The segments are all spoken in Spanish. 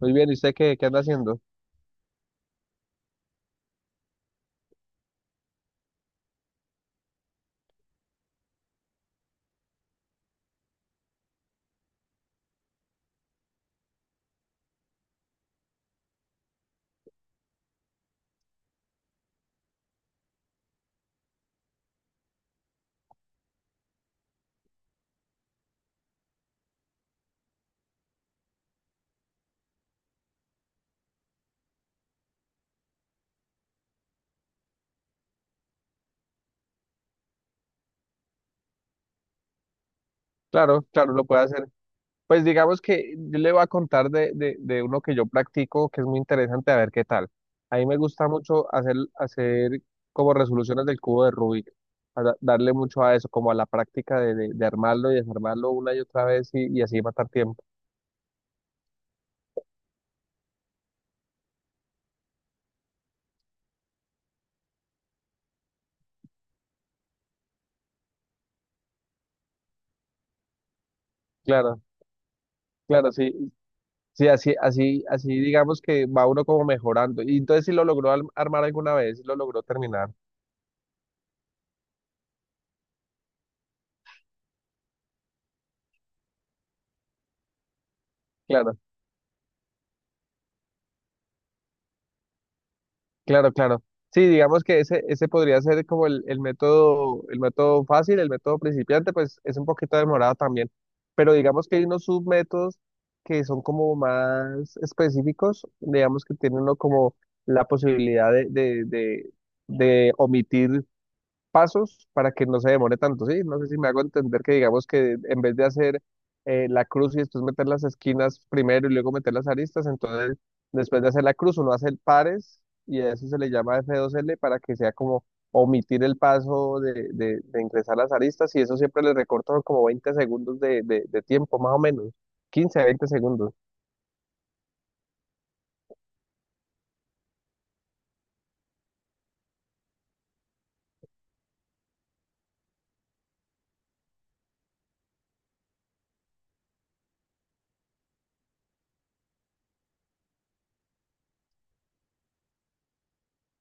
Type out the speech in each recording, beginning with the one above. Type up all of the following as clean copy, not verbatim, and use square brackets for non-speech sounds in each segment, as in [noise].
Muy bien, ¿y usted qué anda haciendo? Claro, claro, lo puede hacer. Pues digamos que yo le voy a contar de uno que yo practico que es muy interesante, a ver qué tal. A mí me gusta mucho hacer como resoluciones del cubo de Rubik, a darle mucho a eso, como a la práctica de armarlo y desarmarlo una y otra vez y así matar tiempo. Claro, claro, sí, sí, así, así, así digamos que va uno como mejorando. Y entonces si lo logró armar alguna vez, sí lo logró terminar. Claro. Claro, claro. Sí, digamos que ese podría ser como el método, el método fácil, el método principiante, pues es un poquito demorado también. Pero digamos que hay unos submétodos que son como más específicos, digamos que tiene uno como la posibilidad de omitir pasos para que no se demore tanto, ¿sí? No sé si me hago entender que digamos que en vez de hacer la cruz y después meter las esquinas primero y luego meter las aristas, entonces después de hacer la cruz uno hace pares y a eso se le llama F2L para que sea como omitir el paso de ingresar las aristas y eso siempre le recorta como 20 segundos de tiempo, más o menos, 15 a 20 segundos.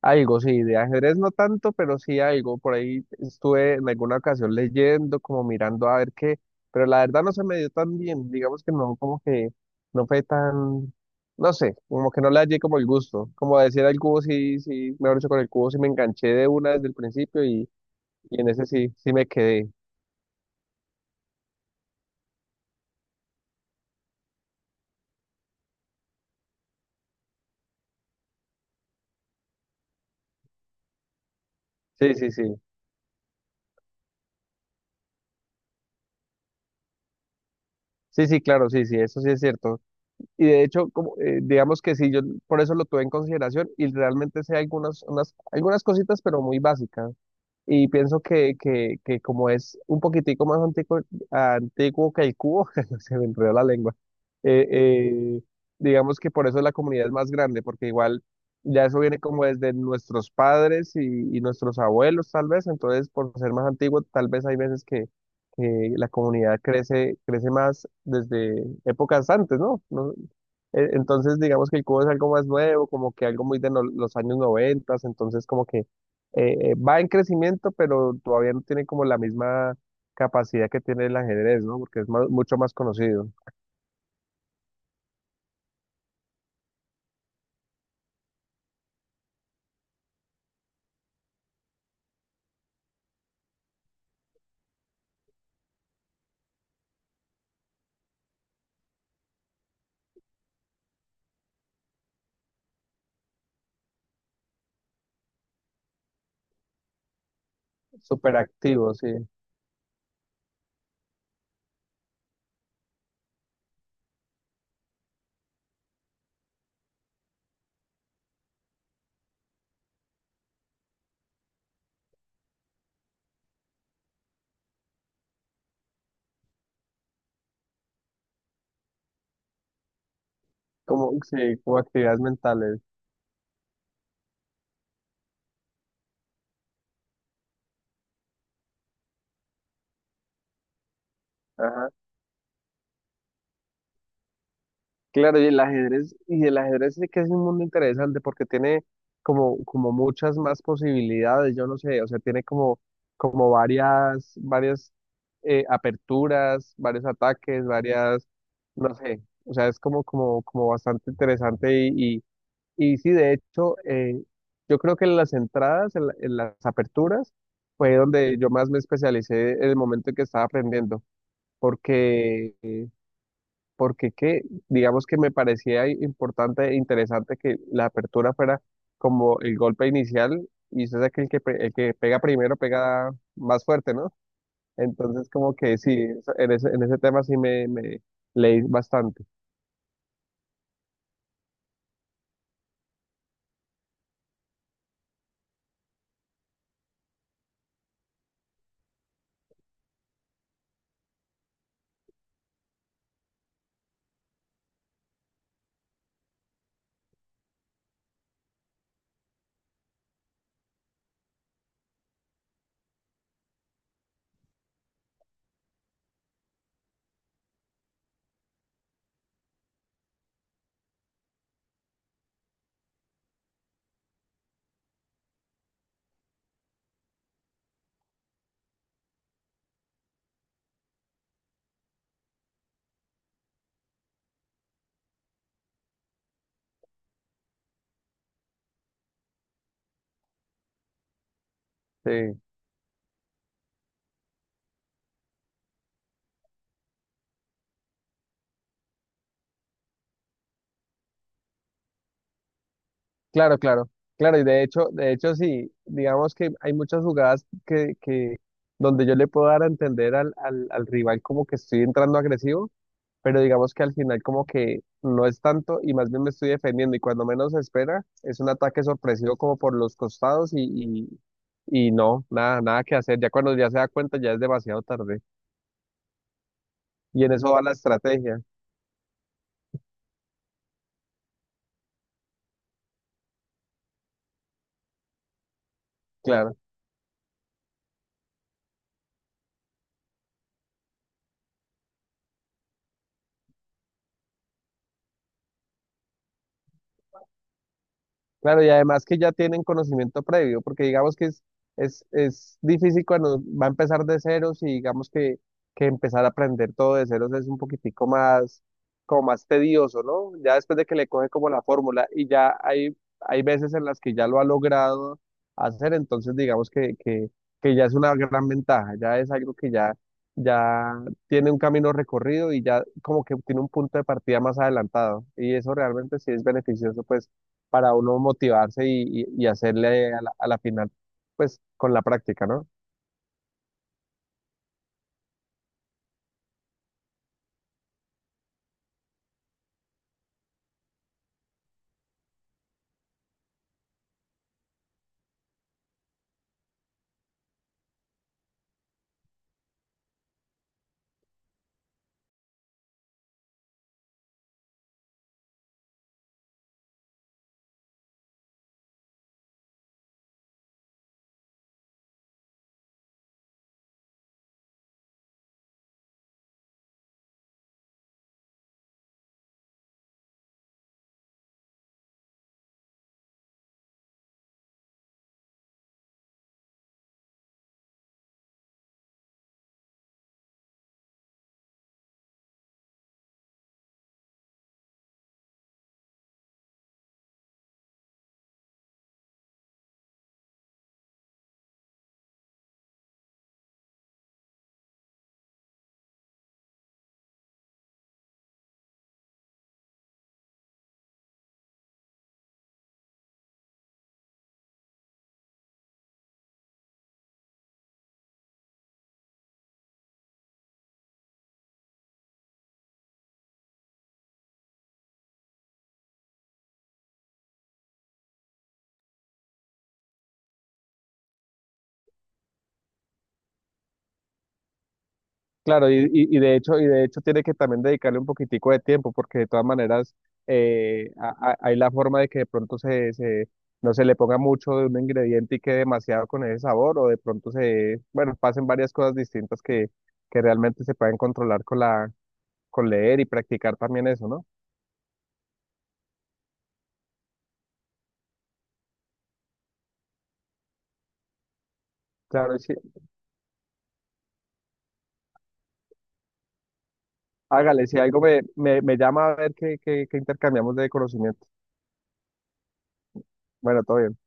Algo, sí, de ajedrez no tanto, pero sí algo. Por ahí estuve en alguna ocasión leyendo, como mirando a ver qué, pero la verdad no se me dio tan bien. Digamos que no, como que no fue tan, no sé, como que no le hallé como el gusto. Como decir al cubo, sí, sí, mejor dicho, con el cubo sí me enganché de una desde el principio y en ese sí, sí me quedé. Sí, sí, sí. Sí, sí, claro, sí, sí, eso sí es cierto. Y de hecho, como, digamos que sí, yo por eso lo tuve en consideración y realmente sé algunas, unas, algunas cositas, pero muy básicas. Y pienso que como es un poquitico más antiguo que el cubo, [laughs] se me enredó la lengua, eh, eh, digamos que por eso la comunidad es más grande, porque igual ya eso viene como desde nuestros padres y nuestros abuelos tal vez, entonces por ser más antiguo tal vez hay veces que la comunidad crece más desde épocas antes, ¿no? Entonces digamos que el cubo es algo más nuevo, como que algo muy de los años noventas, entonces como que va en crecimiento, pero todavía no tiene como la misma capacidad que tiene el ajedrez, ¿no? Porque es mucho más conocido, súper activo, sí, como actividades mentales. Ajá. Claro, y el ajedrez sí que es un mundo interesante porque tiene como muchas más posibilidades, yo no sé, o sea, tiene como varias aperturas, varios ataques, varias, no sé, o sea, es como bastante interesante y. Y sí, de hecho, yo creo que en las entradas, en las aperturas, fue donde yo más me especialicé en el momento en que estaba aprendiendo, porque, eh, porque qué digamos que me parecía importante e interesante que la apertura fuera como el golpe inicial, y usted sabe que el que pega primero pega más fuerte, ¿no? Entonces, como que sí, en ese tema sí me leí bastante. Sí. Claro, claro, claro, y de hecho sí, digamos que hay muchas jugadas que donde yo le puedo dar a entender al rival como que estoy entrando agresivo, pero digamos que al final como que no es tanto y más bien me estoy defendiendo y cuando menos se espera es un ataque sorpresivo como por los costados y no, nada, nada que hacer, ya cuando ya se da cuenta ya es demasiado tarde y en eso va la estrategia, claro. Claro, y además que ya tienen conocimiento previo, porque digamos que es difícil cuando va a empezar de ceros y digamos que empezar a aprender todo de ceros es un poquitico más, como más tedioso, ¿no? Ya después de que le coge como la fórmula y ya hay veces en las que ya lo ha logrado hacer, entonces digamos que ya es una gran ventaja, ya es algo que ya tiene un camino recorrido y ya como que tiene un punto de partida más adelantado y eso realmente sí es beneficioso, pues para uno motivarse y hacerle a la, final, pues con la práctica, ¿no? Claro, y de hecho tiene que también dedicarle un poquitico de tiempo, porque de todas maneras hay la forma de que de pronto no se le ponga mucho de un ingrediente y quede demasiado con ese sabor, o de pronto se, bueno, pasen varias cosas distintas que realmente se pueden controlar con leer y practicar también eso, ¿no? Claro, sí. Hágale, si algo me llama a ver qué intercambiamos de conocimiento. Bueno, todo bien.